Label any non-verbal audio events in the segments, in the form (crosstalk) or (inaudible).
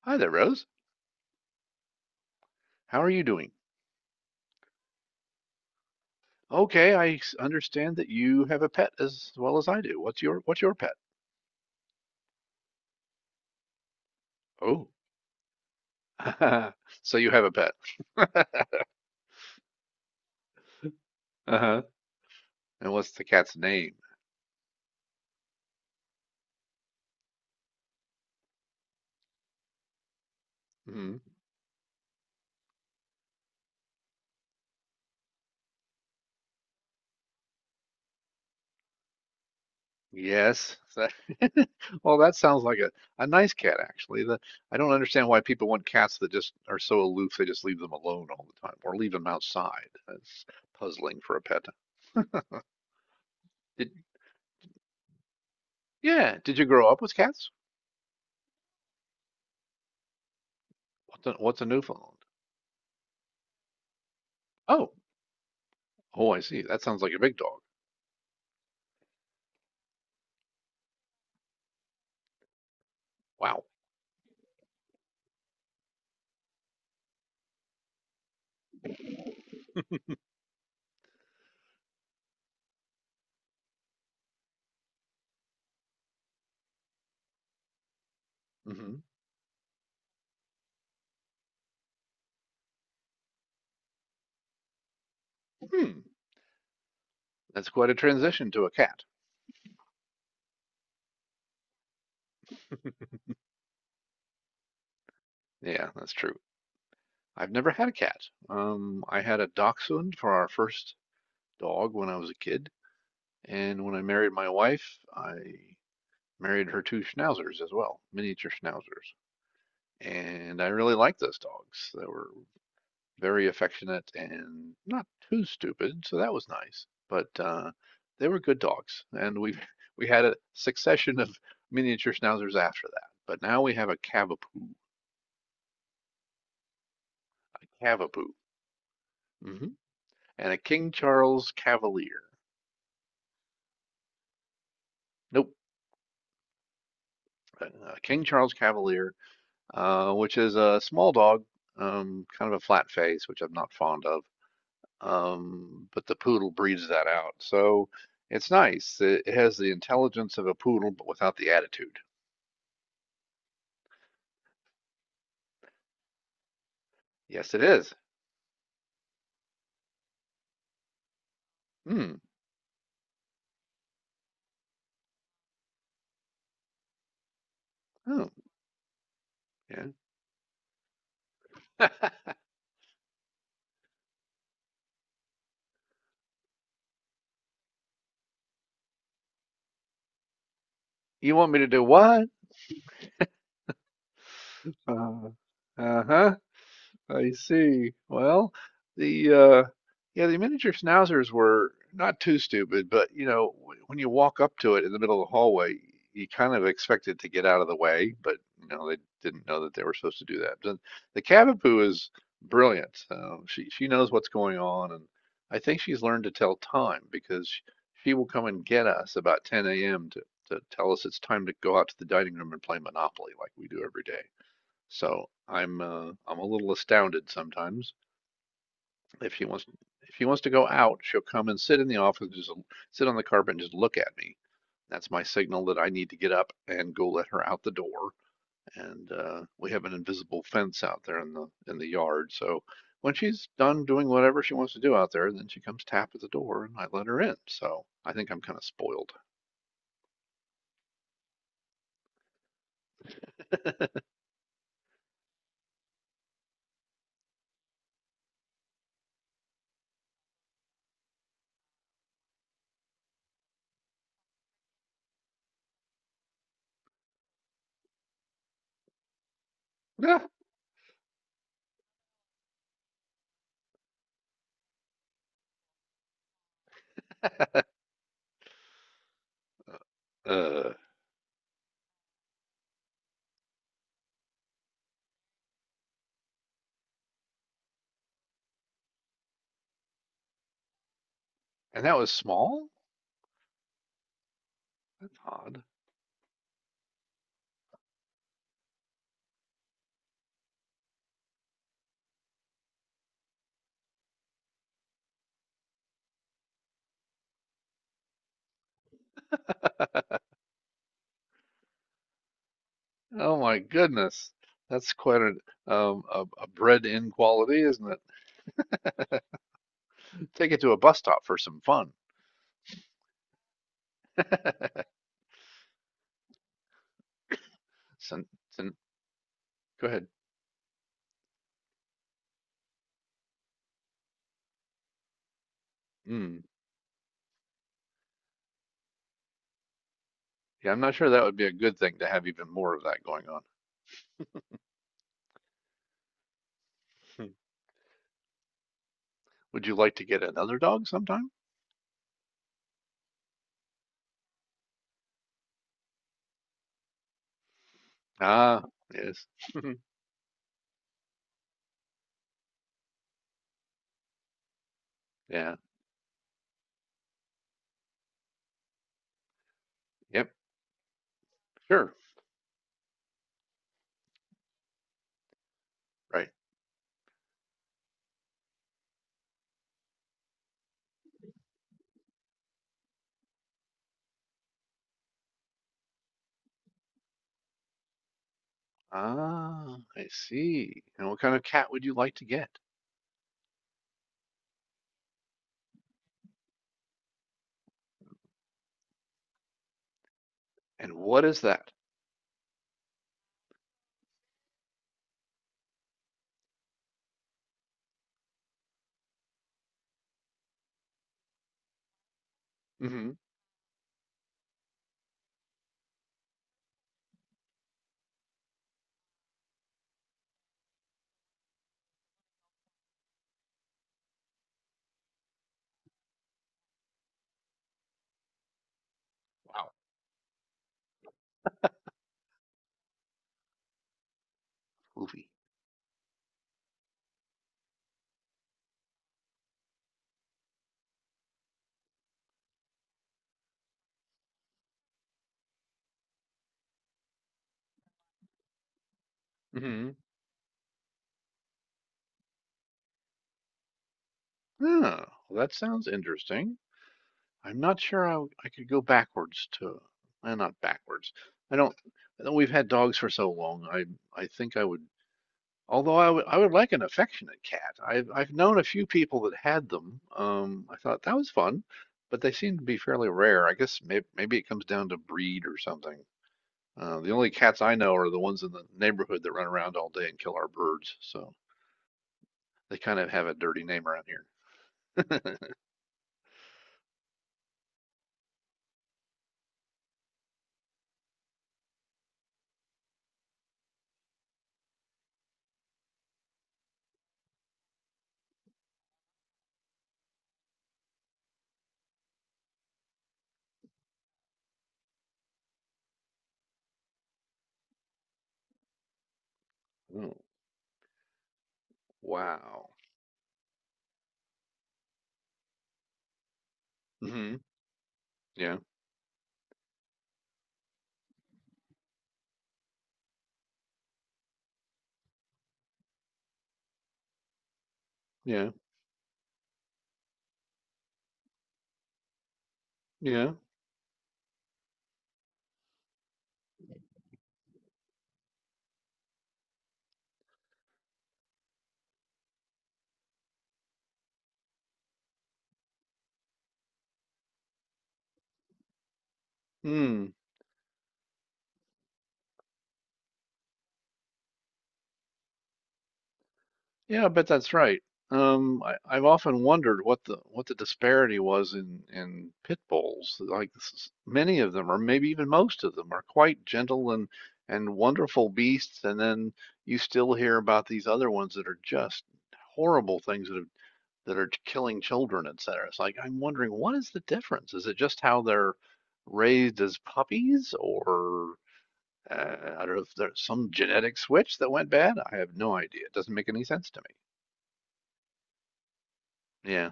Hi there, Rose. How are you doing? Okay, understand that you have a pet as well as I do. What's your pet? Oh, (laughs) so you have a pet. (laughs) Uh-huh. And what's the cat's name? hmm Yes. (laughs) Well, that sounds like a nice cat, actually. I don't understand why people want cats that just are so aloof they just leave them alone all the time or leave them outside. That's puzzling for a pet. Did, yeah. Did you grow up with cats? What's a Newfoundland? Oh, oh, I see. That sounds like a big dog. Wow. hmm Hmm. That's quite a transition to a cat. (laughs) Yeah, that's true. I've never had a cat. I had a dachshund for our first dog when I was a kid, and when I married my wife, I married her two schnauzers as well, miniature schnauzers. And I really liked those dogs. They were very affectionate and not too stupid, so that was nice. But they were good dogs, and we (laughs) we had a succession of miniature schnauzers after that. But now we have a Cavapoo, hmm and a King Charles Cavalier. Nope, a King Charles Cavalier, which is a small dog, kind of a flat face, which I'm not fond of. But the poodle breeds that out, so it's nice. It has the intelligence of a poodle, but without the attitude. Yes, it is. Hmm. Oh, yeah. (laughs) You want me to do what? Uh, uh-huh. I see. Well, the yeah, the miniature schnauzers were not too stupid, but you know, when you walk up to it in the middle of the hallway, you kind of expect it to get out of the way, but you know, they didn't know that they were supposed to do that. Then the Cavapoo is brilliant. She knows what's going on, and I think she's learned to tell time because she will come and get us about 10 a.m. To tell us it's time to go out to the dining room and play Monopoly like we do every day. So I'm a little astounded sometimes. If she wants if she wants to go out, she'll come and sit in the office, just sit on the carpet and just look at me. That's my signal that I need to get up and go let her out the door. And we have an invisible fence out there in the yard. So when she's done doing whatever she wants to do out there, then she comes tap at the door and I let her in. So I think I'm kind of spoiled. (laughs) Uh, and that was small? That's odd. Oh my goodness. That's quite a bred in quality, isn't it? Take it to a bus stop for some fun. (laughs) Sen, sen, go ahead. Mm. Yeah, I'm not sure that would be a good thing to have even more of that going on. Hmm. Would you like to get another dog sometime? Ah, yes. (laughs) Yeah. Yep. Sure. Right. Ah, I see. And what kind of cat would you like to get? And what is that? hmm Wow. Poofy. Mm-hmm. Oh, well, that sounds interesting. I'm not sure I could go backwards to, eh, not backwards. I don't, I know we've had dogs for so long. I think I would, although I would like an affectionate cat. I've known a few people that had them. I thought that was fun, but they seem to be fairly rare. I guess maybe it comes down to breed or something. The only cats I know are the ones in the neighborhood that run around all day and kill our birds. So they kind of have a dirty name around here. Oh, wow. hmm Yeah. Yeah. Yeah. Hmm. Yeah, I bet that's right. I've often wondered what the disparity was in pit bulls. Like many of them, or maybe even most of them, are quite gentle and wonderful beasts, and then you still hear about these other ones that are just horrible things that have that are killing children, et cetera. It's like I'm wondering what is the difference? Is it just how they're raised as puppies, or uh, I don't know if there's some genetic switch that went bad? I have no idea. It doesn't make any sense to me. Yeah.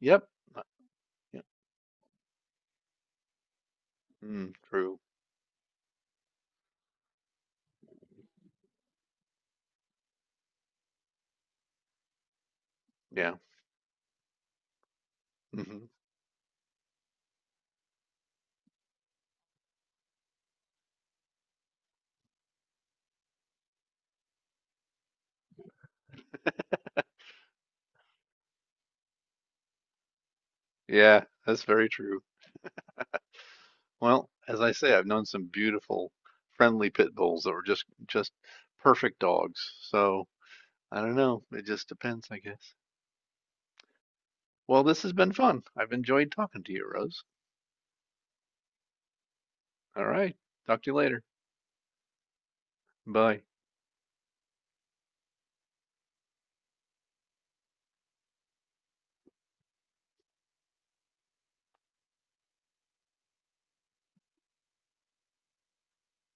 Yep. Uh, yeah. Mm, true. Yeah. hmm Yeah, that's very true. Well, as I say, I've known some beautiful, friendly pit bulls that were just perfect dogs. So I don't know. It just depends, I guess. Well, this has been fun. I've enjoyed talking to you, Rose. All right. Talk to you later. Bye.